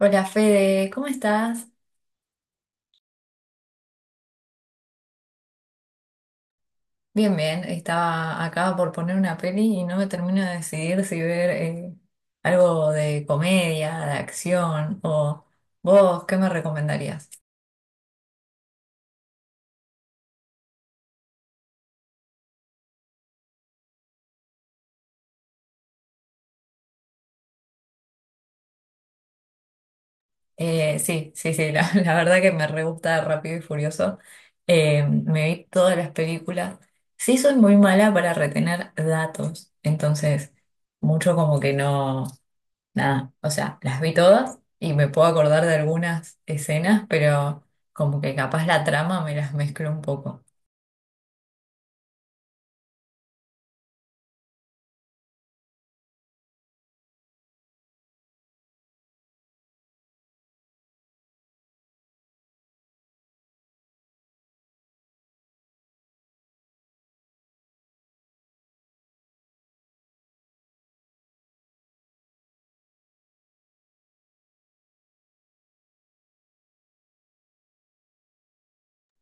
Hola Fede, ¿cómo estás? Bien, bien. Estaba acá por poner una peli y no me termino de decidir si ver algo de comedia, de acción o vos, ¿qué me recomendarías? Sí, sí, sí, la verdad que me re gusta Rápido y Furioso. Me vi todas las películas. Sí, soy muy mala para retener datos, entonces mucho como que no. Nada, o sea, las vi todas y me puedo acordar de algunas escenas, pero como que capaz la trama me las mezclo un poco.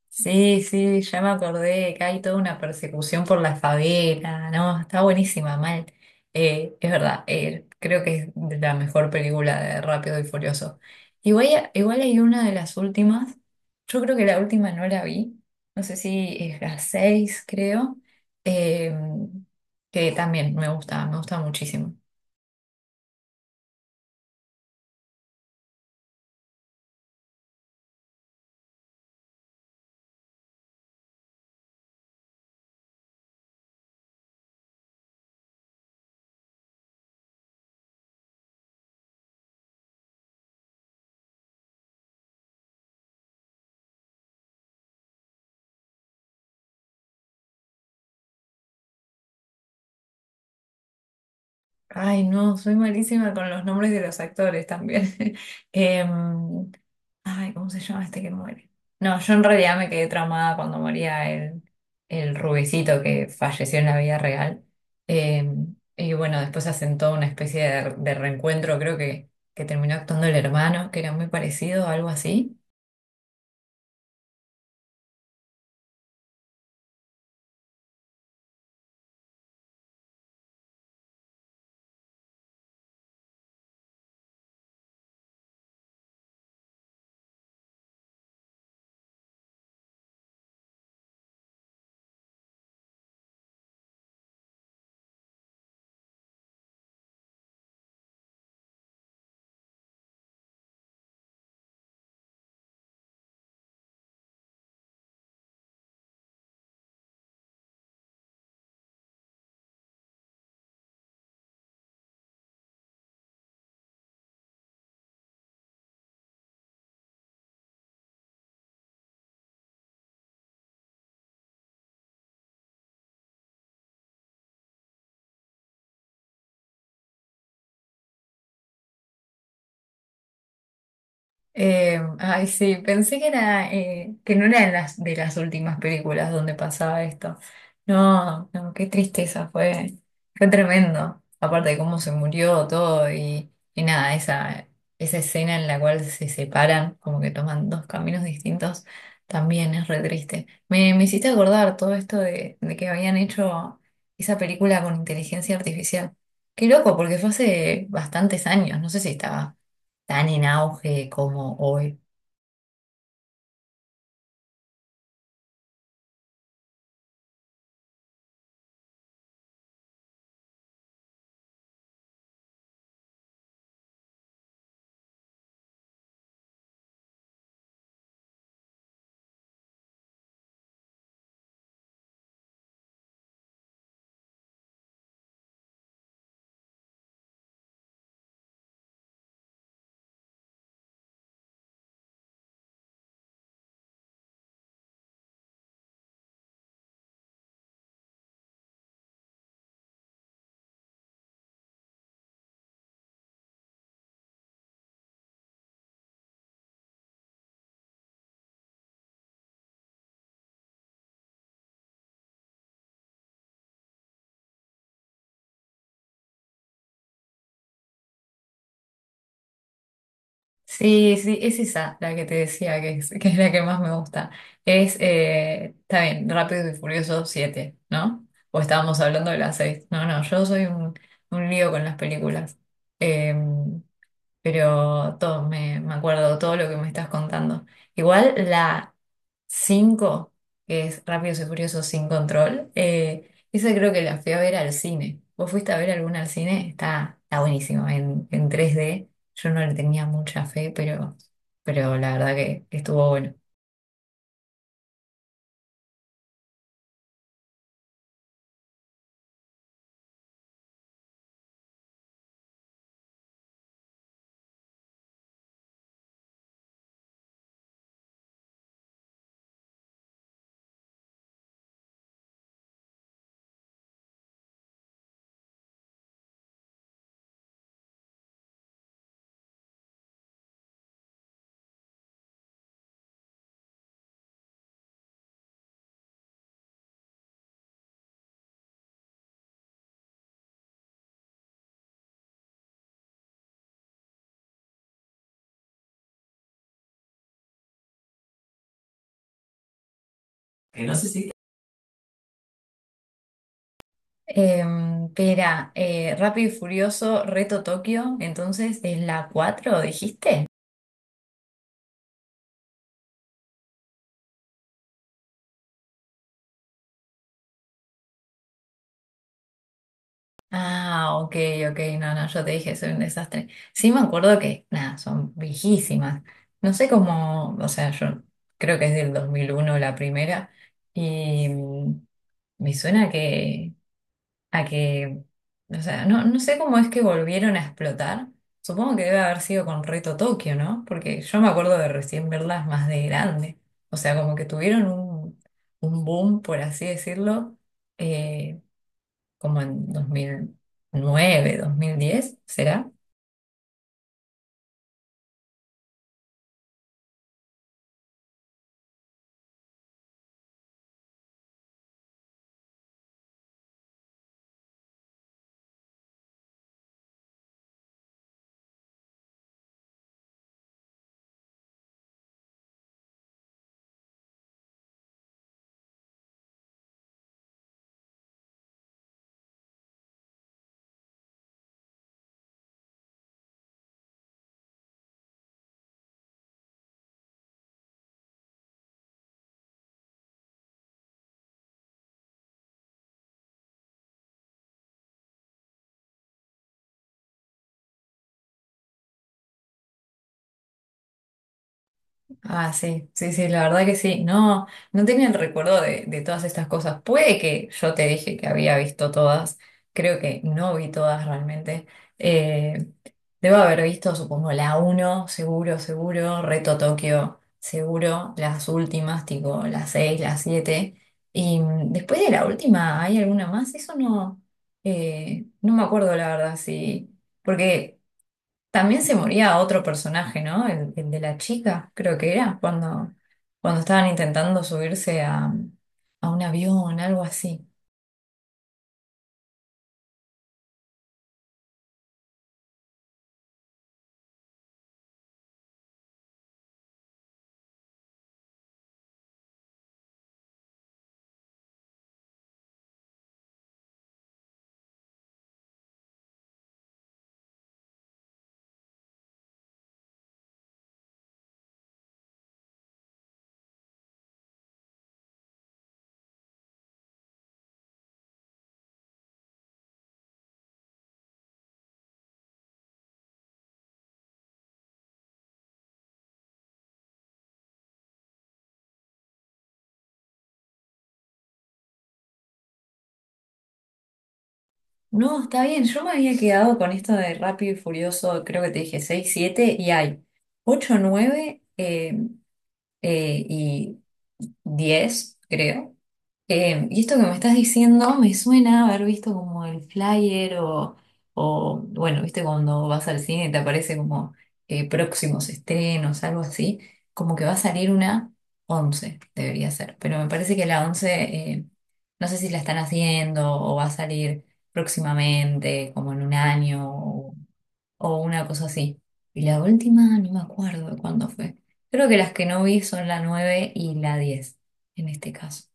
Sí, sí, ya me acordé que hay toda una persecución por la favela, no, está buenísima, mal. Es verdad, creo que es de la mejor película de Rápido y Furioso. Igual, igual hay una de las últimas, yo creo que la última no la vi, no sé si es la seis, creo, eh, que también me gusta muchísimo. Ay, no, soy malísima con los nombres de los actores también. Em, ay, ¿cómo se llama este que muere? No, yo en realidad me quedé traumada cuando moría el rubicito que falleció en la vida real. Y bueno, después se asentó una especie de reencuentro, creo que terminó actuando el hermano, que era muy parecido, algo así. Ay, sí, pensé que era, que no era de las últimas películas donde pasaba esto. No, no, qué tristeza, fue tremendo. Aparte de cómo se murió todo y nada, esa escena en la cual se separan, como que toman dos caminos distintos, también es re triste. Me hiciste acordar todo esto de que habían hecho esa película con inteligencia artificial. Qué loco, porque fue hace bastantes años, no sé si estaba tan en auge como hoy. Sí, sí, es esa la que te decía que es, que es la que más me gusta. Está bien, Rápido y Furioso siete, ¿no? O estábamos hablando de las seis. No, no, yo soy un lío con las películas. Eh, pero todo, me acuerdo todo lo que me estás contando. Igual la 5 que es Rápidos y Furiosos sin control, esa creo que la fui a ver al cine. ¿Vos fuiste a ver alguna al cine? Está buenísimo, en 3D. Yo no le tenía mucha fe, pero la verdad que estuvo bueno. Pera, Rápido y Furioso, Reto Tokio, entonces es la 4, dijiste. Ah, ok, ok, no, no, yo te dije, soy un desastre. Sí me acuerdo que, nada, son viejísimas. No sé cómo, o sea, yo creo que es del 2001 la primera y me suena que, a que, o sea, no, no sé cómo es que volvieron a explotar. Supongo que debe haber sido con Reto Tokio, ¿no? Porque yo me acuerdo de recién verlas más de grande. O sea, como que tuvieron un boom, por así decirlo, eh, como en 2009, 2010, ¿será? Ah, sí, sí, sí, la verdad que sí. No, no tenía el recuerdo de todas estas cosas. Puede que yo te dije que había visto todas, creo que no vi todas realmente. Eh, debo haber visto, supongo, la uno, seguro, seguro, Reto Tokio, seguro, las últimas, tipo las 6, las 7. Y después de la última, ¿hay alguna más? Eso no, no me acuerdo la verdad, sí. Porque también se moría otro personaje, ¿no? El de la chica, creo que era, cuando estaban intentando subirse a un avión, algo así. No, está bien, yo me había quedado con esto de Rápido y Furioso, creo que te dije 6 7 y hay 8 9 y 10 creo. Y esto que me estás diciendo me suena a haber visto como el flyer bueno, viste cuando vas al cine y te aparece como próximos estrenos, algo así, como que va a salir una 11 debería ser, pero me parece que la 11 no sé si la están haciendo o va a salir próximamente, como en un año o una cosa así. Y la última no me acuerdo de cuándo fue. Creo que las que no vi son la 9 y la 10 en este caso.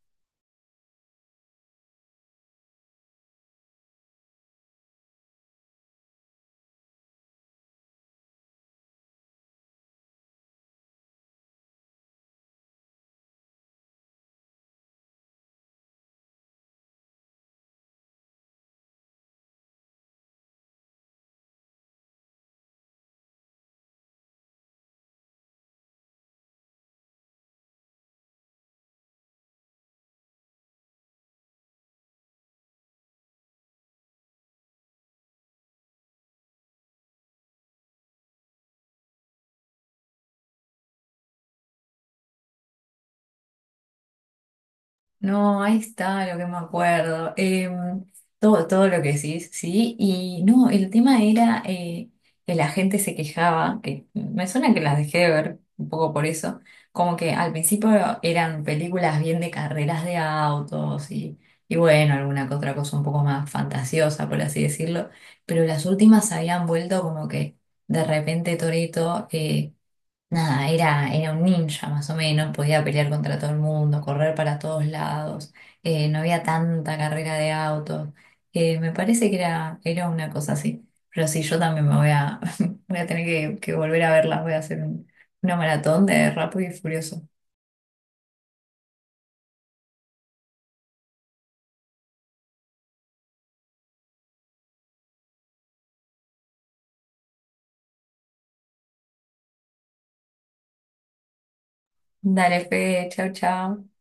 No, ahí está lo que me acuerdo. Todo lo que decís, sí. Y no, el tema era que la gente se quejaba, que me suena que las dejé de ver un poco por eso, como que al principio eran películas bien de carreras de autos y bueno, alguna que otra cosa un poco más fantasiosa, por así decirlo, pero las últimas habían vuelto como que de repente Torito, nada, era un ninja más o menos, podía pelear contra todo el mundo, correr para todos lados, no había tanta carrera de autos. Me parece que era, una cosa así. Pero sí, yo también voy a tener que volver a verla, voy a hacer una maratón de Rápido y Furioso. Dale, fe, chau, chau.